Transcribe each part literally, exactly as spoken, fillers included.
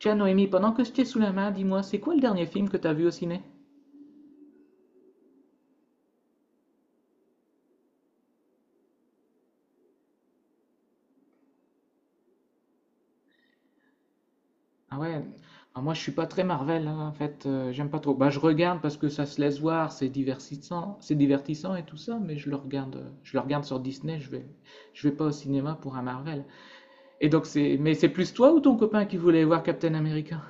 Tiens, Noémie, pendant que je t'ai sous la main, dis-moi, c'est quoi le dernier film que t'as vu au ciné? Ah ouais, ah, moi je suis pas très Marvel, hein, en fait, euh, j'aime pas trop. Bah je regarde parce que ça se laisse voir, c'est divertissant, c'est divertissant et tout ça, mais je le regarde, euh, je le regarde sur Disney, je vais, je vais pas au cinéma pour un Marvel. Et donc c'est, mais c'est plus toi ou ton copain qui voulait voir Captain America?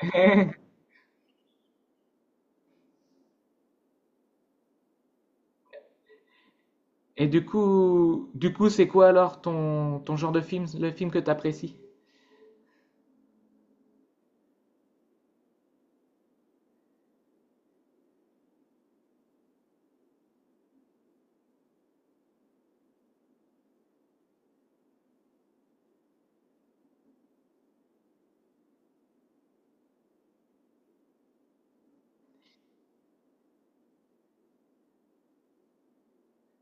Et du coup, du coup, c'est quoi alors ton, ton genre de film, le film que t'apprécies?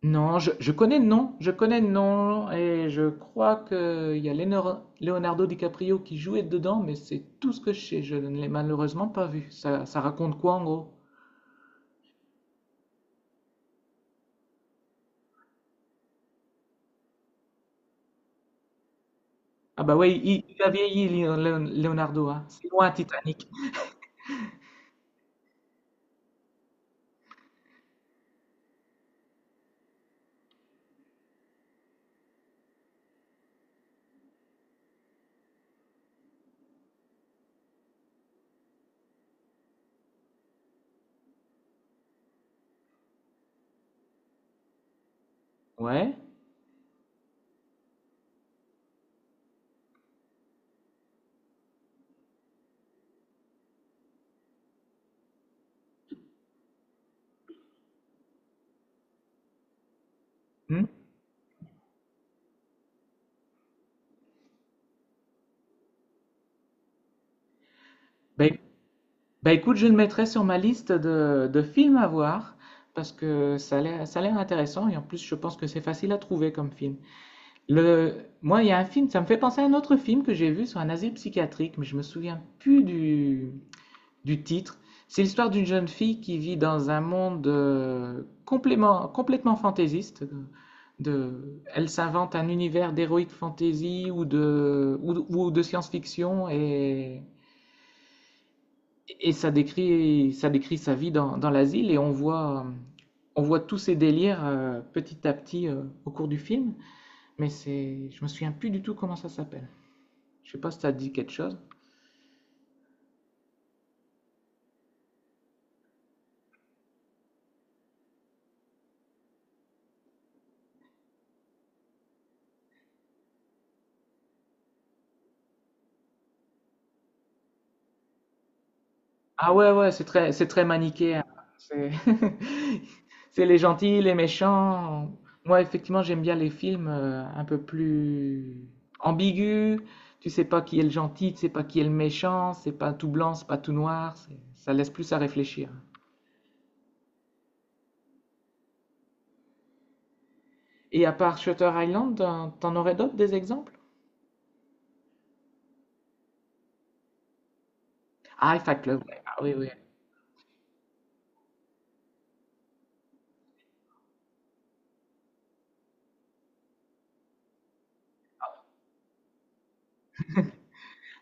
Non, je, je connais le nom, je connais le nom, et je crois que il y a Lénor- Leonardo DiCaprio qui jouait dedans, mais c'est tout ce que je sais, je ne l'ai malheureusement pas vu. Ça, ça raconte quoi en gros? Ah bah oui, il, il a vieilli, Léon- Léon- Leonardo, hein. C'est loin Titanic. Ouais. Hmm. Bah, éc- bah écoute, je le mettrai sur ma liste de, de films à voir, parce que ça a l'air, ça a l'air intéressant, et en plus je pense que c'est facile à trouver comme film. Le... Moi, il y a un film, ça me fait penser à un autre film que j'ai vu sur un asile psychiatrique, mais je me souviens plus du, du titre. C'est l'histoire d'une jeune fille qui vit dans un monde euh, complément- complètement fantaisiste. De... Elle s'invente un univers d'héroïque fantasy ou de, ou, ou de science-fiction et, et ça décrit, ça décrit sa vie dans, dans l'asile et on voit, euh, on voit tous ses délires euh, petit à petit euh, au cours du film, mais c'est, je me souviens plus du tout comment ça s'appelle. Je sais pas si ça te dit quelque chose. Ah ouais, ouais, c'est très, c'est très manichéen. C'est c'est les gentils, les méchants. Moi, effectivement, j'aime bien les films euh, un peu plus ambigus. Tu sais pas qui est le gentil, tu sais pas qui est le méchant. C'est pas tout blanc, c'est pas tout noir. c'est- Ça laisse plus à réfléchir. Et à part Shutter Island, t'en t'en aurais d'autres des exemples? Ah, Fight Club. Ouais. Ah oui, oui.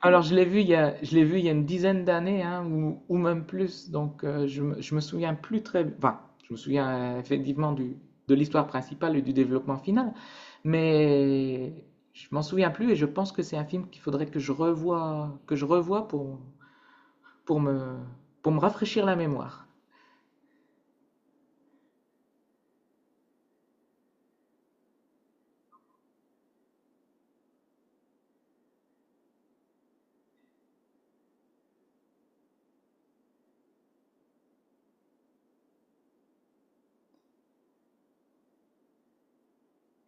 Alors, je l'ai vu il y a, je l'ai vu il y a une dizaine d'années, hein, ou, ou même plus. Donc, euh, je, me- je me souviens plus très, enfin, je me souviens euh, effectivement du, de l'histoire principale et du développement final, mais je m'en souviens plus et je pense que c'est un film qu'il faudrait que je revoie, que je revoie pour, pour me, pour me rafraîchir la mémoire.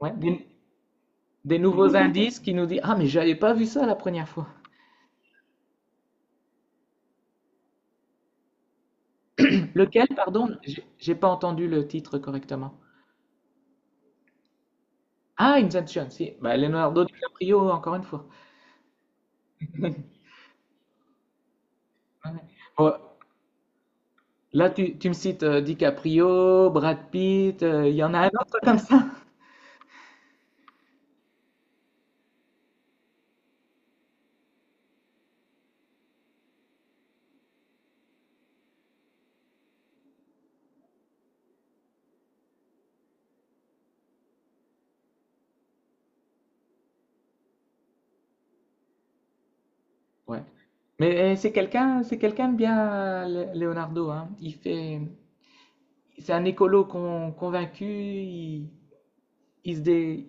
Ouais, des, des nouveaux indices qui nous disent, ah, mais j'avais pas vu ça la première fois. Lequel, pardon? J'ai j'ai pas entendu le titre correctement. Ah, Inception, si. Bah, Leonardo DiCaprio, encore une fois. Ouais. Bon, là, tu, tu me cites euh, DiCaprio, Brad Pitt, euh, il y en a un autre comme ça. Ouais. Mais euh, c'est quelqu'un, c'est quelqu'un de bien, euh, Lé- Leonardo, hein. Il fait, c'est un écolo con- convaincu. Il, il se dé-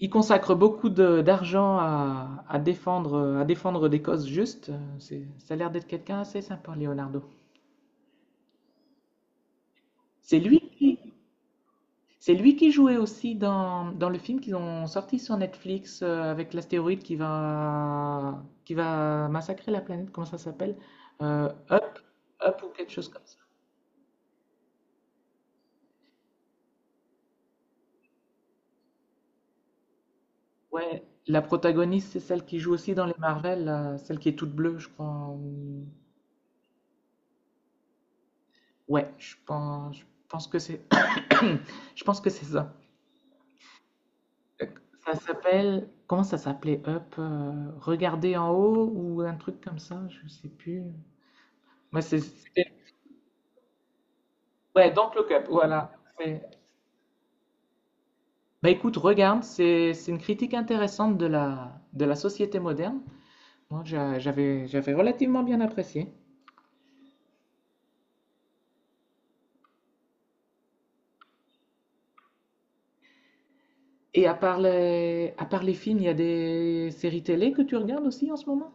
il consacre beaucoup de- d'argent à, à défendre, euh, à défendre des causes justes. Euh, C'est, ça a l'air d'être quelqu'un assez sympa, Leonardo. C'est lui qui, C'est lui qui jouait aussi dans, dans le film qu'ils ont sorti sur Netflix euh, avec l'astéroïde qui va, qui va massacrer la planète. Comment ça s'appelle? Euh, Up, Up ou quelque chose comme ça. Ouais, la protagoniste, c'est celle qui joue aussi dans les Marvel, là, celle qui est toute bleue, je crois. ou- Ouais, je pense, je pense que c'est, je pense que c'est ça. Ça s'appelle, comment ça s'appelait Up? Euh, regarder en haut ou un truc comme ça, je sais plus. Ouais, c'est- c'était ouais, donc le Cup, voilà. C'est- Bah écoute, regarde, c'est c'est une critique intéressante de la, de la société moderne. Moi, j'a- j'avais j'avais relativement bien apprécié. Et à part les, à part les films, il y a des séries télé que tu regardes aussi en ce moment?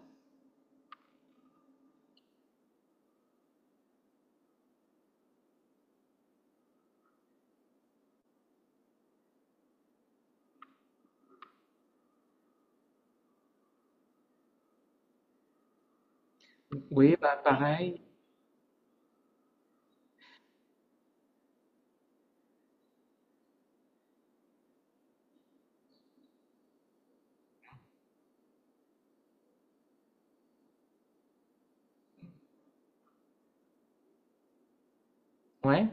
Oui, bah pareil. Ouais.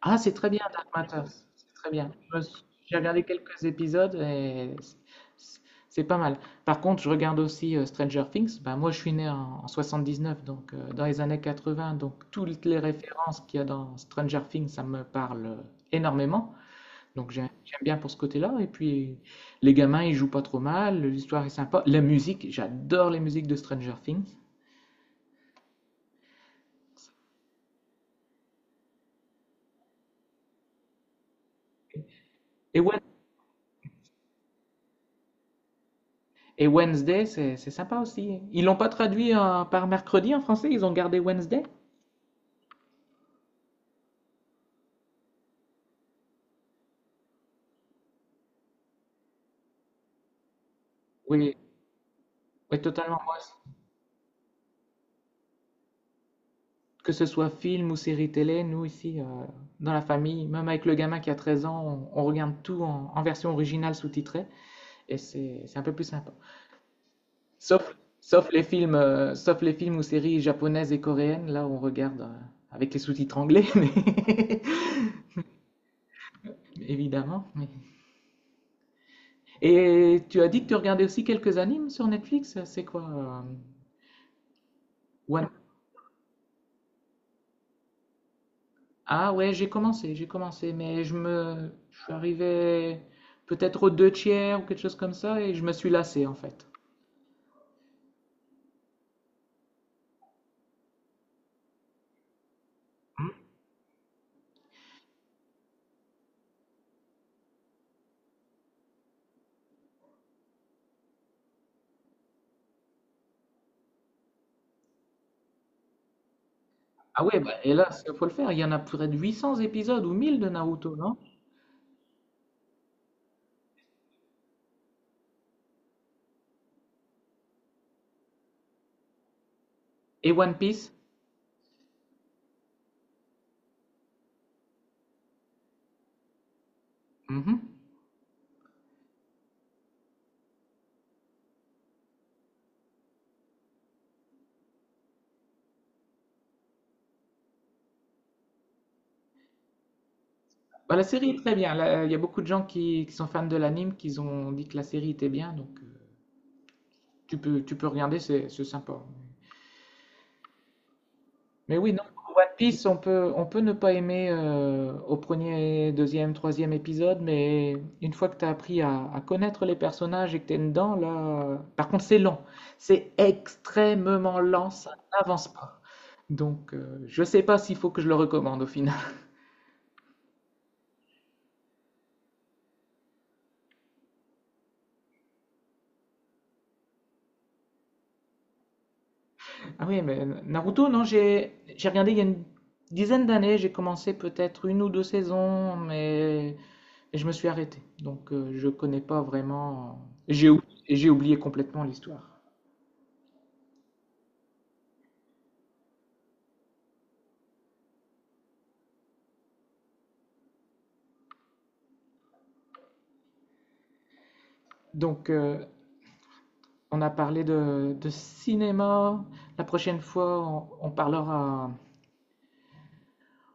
Ah, c'est très bien Dark Matter, c'est très bien. Je me suis- J'ai regardé quelques épisodes et c'est c'est- c'est pas mal. Par contre, je regarde aussi euh, Stranger Things. Ben moi, je suis né en, en soixante-dix-neuf, donc euh, dans les années quatre-vingts, donc toutes les références qu'il y a dans Stranger Things, ça me parle euh, énormément. Donc j'ai- j'aime bien pour ce côté-là. Et puis les gamins, ils jouent pas trop mal, l'histoire est sympa. La musique, j'adore les musiques de Stranger Things. Et ouais, et Wednesday, c'est c'est sympa aussi. Ils l'ont pas traduit en- par mercredi en français, ils ont gardé Wednesday? Oui, oui, totalement. Moi, que ce soit film ou série télé, nous ici, euh, dans la famille, même avec le gamin qui a 13 ans, on, on regarde tout en, en version originale sous-titrée et c'est c'est un peu plus sympa. Sauf, sauf les films, euh, sauf les films ou séries japonaises et coréennes, là on regarde euh, avec les sous-titres anglais, mais- évidemment. mais- Et tu as dit que tu regardais aussi quelques animes sur Netflix, c'est quoi? Euh, One Ah ouais, j'ai commencé, j'ai commencé, mais je me, je suis arrivé peut-être aux deux tiers ou quelque chose comme ça et je me suis lassé en fait. Ah ouais, bah, et là, il faut le faire. Il y en a près de huit cents épisodes ou mille de Naruto, non? Et One Piece. Mhm. Bah, la série est très bien. Là, il y a beaucoup de gens qui, qui sont fans de l'anime qui ont dit que la série était bien, donc euh, tu peux, tu peux regarder, c'est c'est sympa. Mais oui, non, One Piece, on peut, on peut ne pas aimer euh, au premier, deuxième, troisième épisode, mais une fois que tu as appris à, à connaître les personnages et que tu es dedans, là. Par contre, c'est lent. C'est extrêmement lent, ça n'avance pas. Donc, euh, je sais pas s'il faut que je le recommande au final. Ah oui, mais Naruto, non, j'ai, j'ai regardé il y a une dizaine d'années, j'ai commencé peut-être une ou deux saisons, mais mais je me suis arrêté. Donc, euh, je connais pas vraiment. J'ai ou- j'ai oublié complètement l'histoire. Donc, euh, on a parlé de, de cinéma. La prochaine fois, on, on parlera,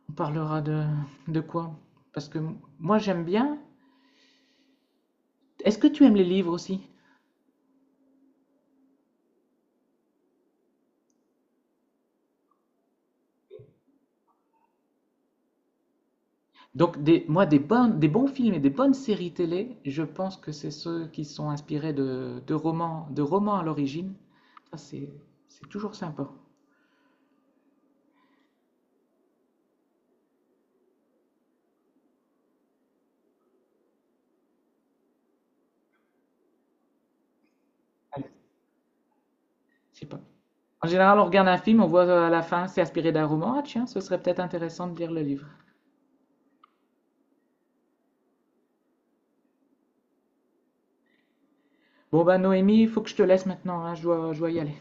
on parlera de, de quoi? Parce que moi, j'aime bien. Est-ce que tu aimes les livres aussi? Donc, des, moi, des, bonnes, des bons films et des bonnes séries télé, je pense que c'est ceux qui sont inspirés de, de romans, de romans à l'origine. Ça, c'est, c'est toujours sympa. Allez, c'est pas. En général, on regarde un film, on voit à la fin, c'est inspiré d'un roman. Ah, tiens, ce serait peut-être intéressant de lire le livre. Bon bah Noémie, il faut que je te laisse maintenant, hein, je dois, je dois y aller.